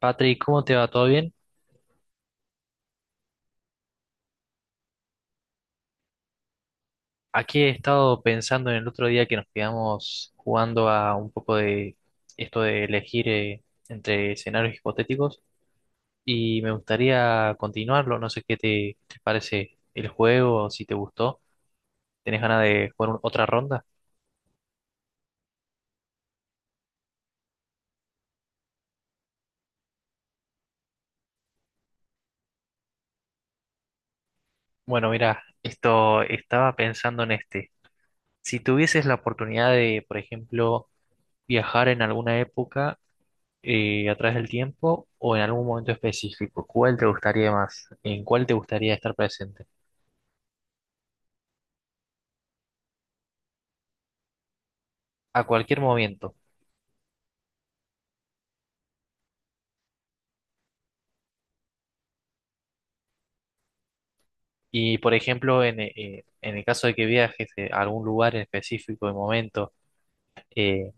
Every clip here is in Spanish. Patrick, ¿cómo te va? ¿Todo bien? Aquí he estado pensando en el otro día que nos quedamos jugando a un poco de esto de elegir entre escenarios hipotéticos y me gustaría continuarlo. No sé qué te parece el juego, si te gustó. ¿Tenés ganas de jugar otra ronda? Bueno, mira, esto estaba pensando en este. Si tuvieses la oportunidad de, por ejemplo, viajar en alguna época, a través del tiempo o en algún momento específico. ¿Cuál te gustaría más? ¿En cuál te gustaría estar presente? A cualquier momento. Y por ejemplo, en el caso de que viajes a algún lugar en específico, de momento, eh,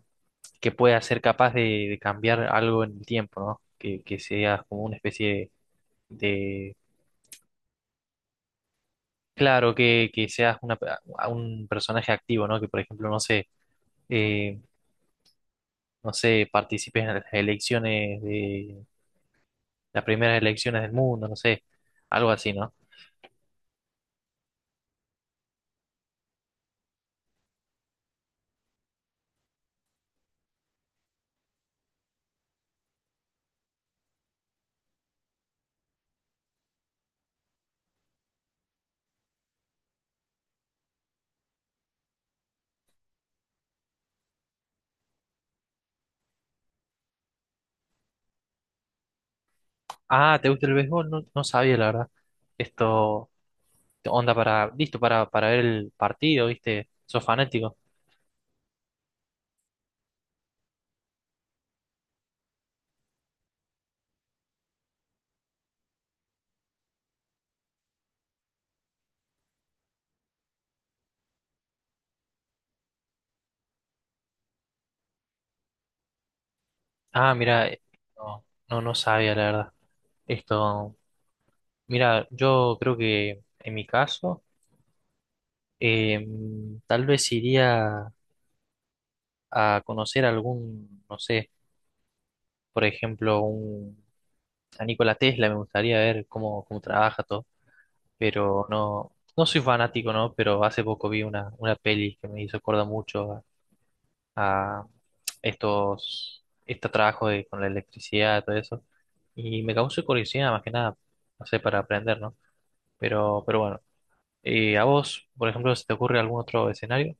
que pueda ser capaz de cambiar algo en el tiempo, ¿no? Que seas como una especie de. Claro, que seas una, a un personaje activo, ¿no? Que por ejemplo, no sé, eh, no sé, participes en las elecciones, las primeras elecciones del mundo, no sé, algo así, ¿no? Ah, ¿te gusta el béisbol? No, no sabía, la verdad. Esto, onda para, listo para ver el partido, ¿viste? ¿Sos fanático? Ah, mira, no, no, no sabía, la verdad. Esto, mira, yo creo que en mi caso, eh, tal vez iría a conocer algún, no sé, por ejemplo, a Nikola Tesla, me gustaría ver cómo, cómo trabaja todo, pero no, no soy fanático, ¿no? Pero hace poco vi una peli que me hizo acordar mucho a estos, este trabajo de, con la electricidad y todo eso, y me causó curiosidad más que nada, no sé, para aprender, ¿no? Pero bueno, ¿a vos, por ejemplo, se te ocurre algún otro escenario?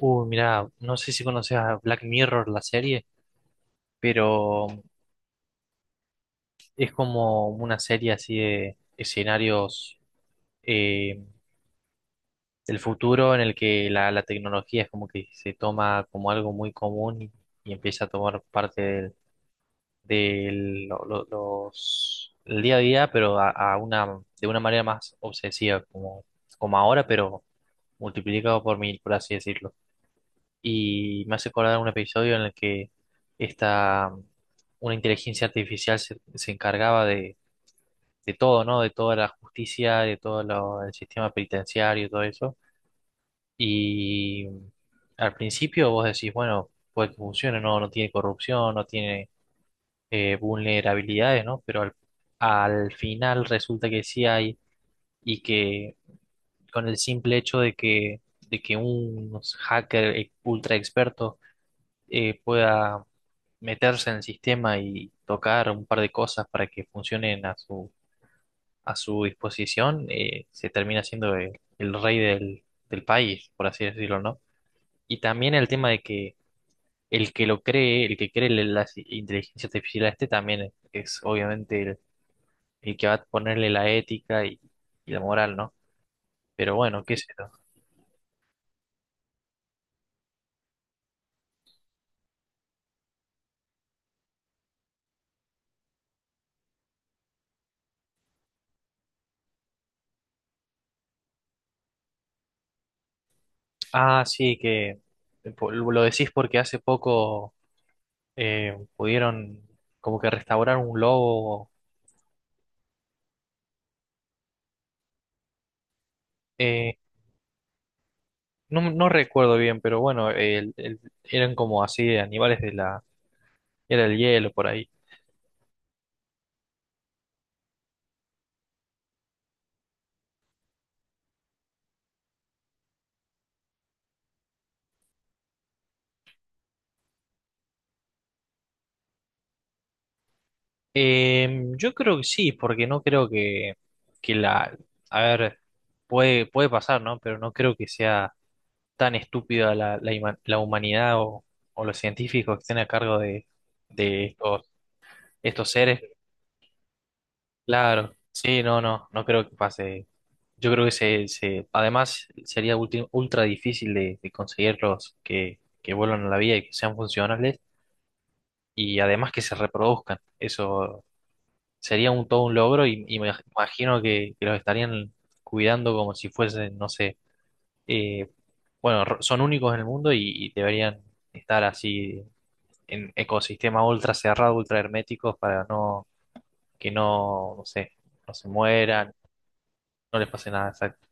Uy, mira, no sé si conoces a Black Mirror, la serie, pero es como una serie así de escenarios. eh, el futuro en el que la tecnología es como que se toma como algo muy común y empieza a tomar parte del, el día a día, pero a una, de una manera más obsesiva, como, como ahora, pero multiplicado por mil, por así decirlo. Y me hace acordar un episodio en el que esta, una inteligencia artificial se encargaba de todo, ¿no? De toda la justicia, de todo el sistema penitenciario, todo eso. Y al principio vos decís, bueno, puede que funcione, no, no tiene corrupción, no tiene vulnerabilidades, ¿no? Pero al final resulta que sí hay, y que con el simple hecho de de que un hacker ultra experto pueda meterse en el sistema y tocar un par de cosas para que funcionen a su disposición, se termina siendo el rey del, del país, por así decirlo, ¿no? Y también el tema de que el que lo cree, el que cree la inteligencia artificial a este también es obviamente el que va a ponerle la ética y la moral, ¿no? Pero bueno, qué sé yo. Ah, sí, que lo decís porque hace poco pudieron como que restaurar un lobo. eh, no, no recuerdo bien, pero bueno, eran como así animales de la... Era el hielo por ahí. Eh, yo creo que sí, porque no creo que la... A ver, puede, puede pasar, ¿no? Pero no creo que sea tan estúpida la humanidad o los científicos que estén a cargo de estos, estos seres. Claro, sí, no, no, no creo que pase. Yo creo que además sería ultra difícil de conseguirlos que vuelvan a la vida y que sean funcionales y además que se reproduzcan. Eso sería un todo un logro y me imagino que los estarían cuidando como si fuesen, no sé, eh, bueno, son únicos en el mundo y deberían estar así en ecosistemas ultra cerrados, ultra herméticos para no que no, no sé, no se mueran, no les pase nada. Exacto.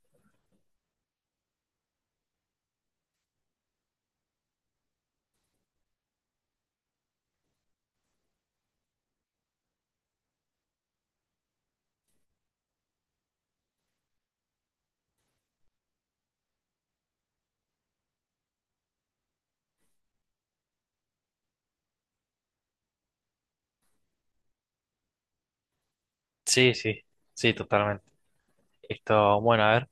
Sí, sí, sí, totalmente. Esto, bueno, a ver,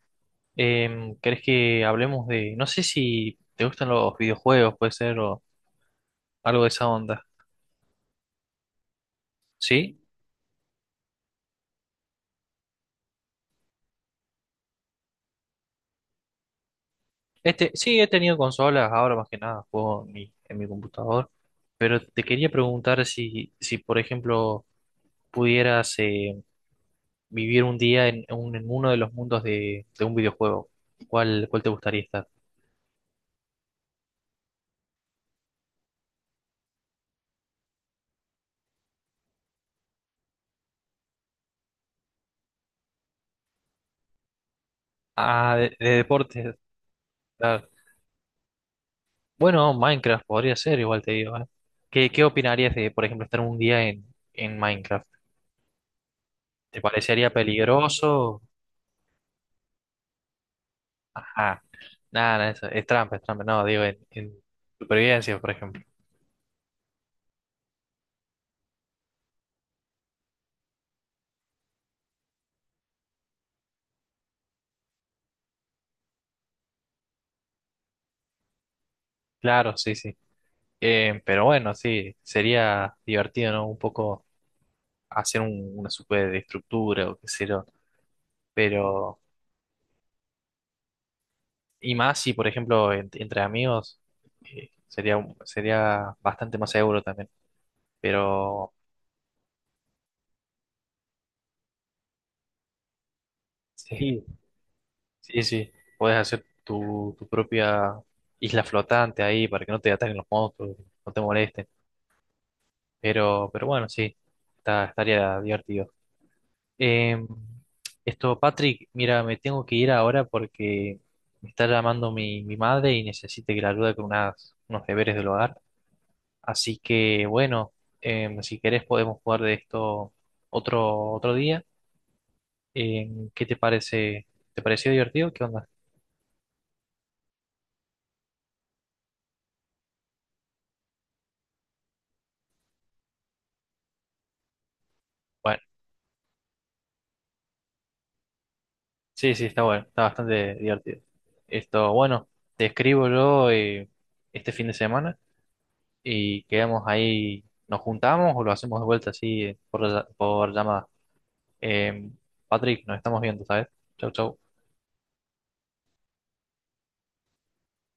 ¿querés que hablemos de, no sé si te gustan los videojuegos, puede ser, o algo de esa onda? ¿Sí? Este, sí, he tenido consolas, ahora más que nada juego en mi computador, pero te quería preguntar si, si por ejemplo, pudieras vivir un día en, en uno de los mundos de un videojuego, ¿cuál, cuál te gustaría estar? Ah, de deportes, claro. Bueno, Minecraft podría ser, igual te digo, ¿eh? ¿Qué, qué opinarías de, por ejemplo, estar un día en Minecraft? ¿Te parecería peligroso? Ajá, nada, nada, eso es trampa, no, digo, en supervivencia, por ejemplo. Claro, sí, sí. Pero bueno, sí, sería divertido, ¿no? Un poco hacer una superestructura o qué sé yo. Pero, y más si, por ejemplo, entre amigos, sería, sería bastante más seguro también. Pero, sí, sí, sí, puedes hacer tu, tu propia isla flotante ahí para que no te ataquen los monstruos, no te molesten. Pero bueno, sí, estaría divertido. Eh, esto, Patrick, mira, me tengo que ir ahora porque me está llamando mi, mi madre y necesita que la ayude con unas, unos deberes del hogar. Así que, bueno, si querés podemos jugar de esto otro, otro día. ¿Qué te parece? ¿Te pareció divertido? ¿Qué onda? Bueno, sí, sí, está bueno, está bastante divertido. Esto, bueno, te escribo yo este fin de semana y quedamos ahí, nos juntamos o lo hacemos de vuelta así por llamada. Eh, Patrick, nos estamos viendo, ¿sabes? Chau, chau.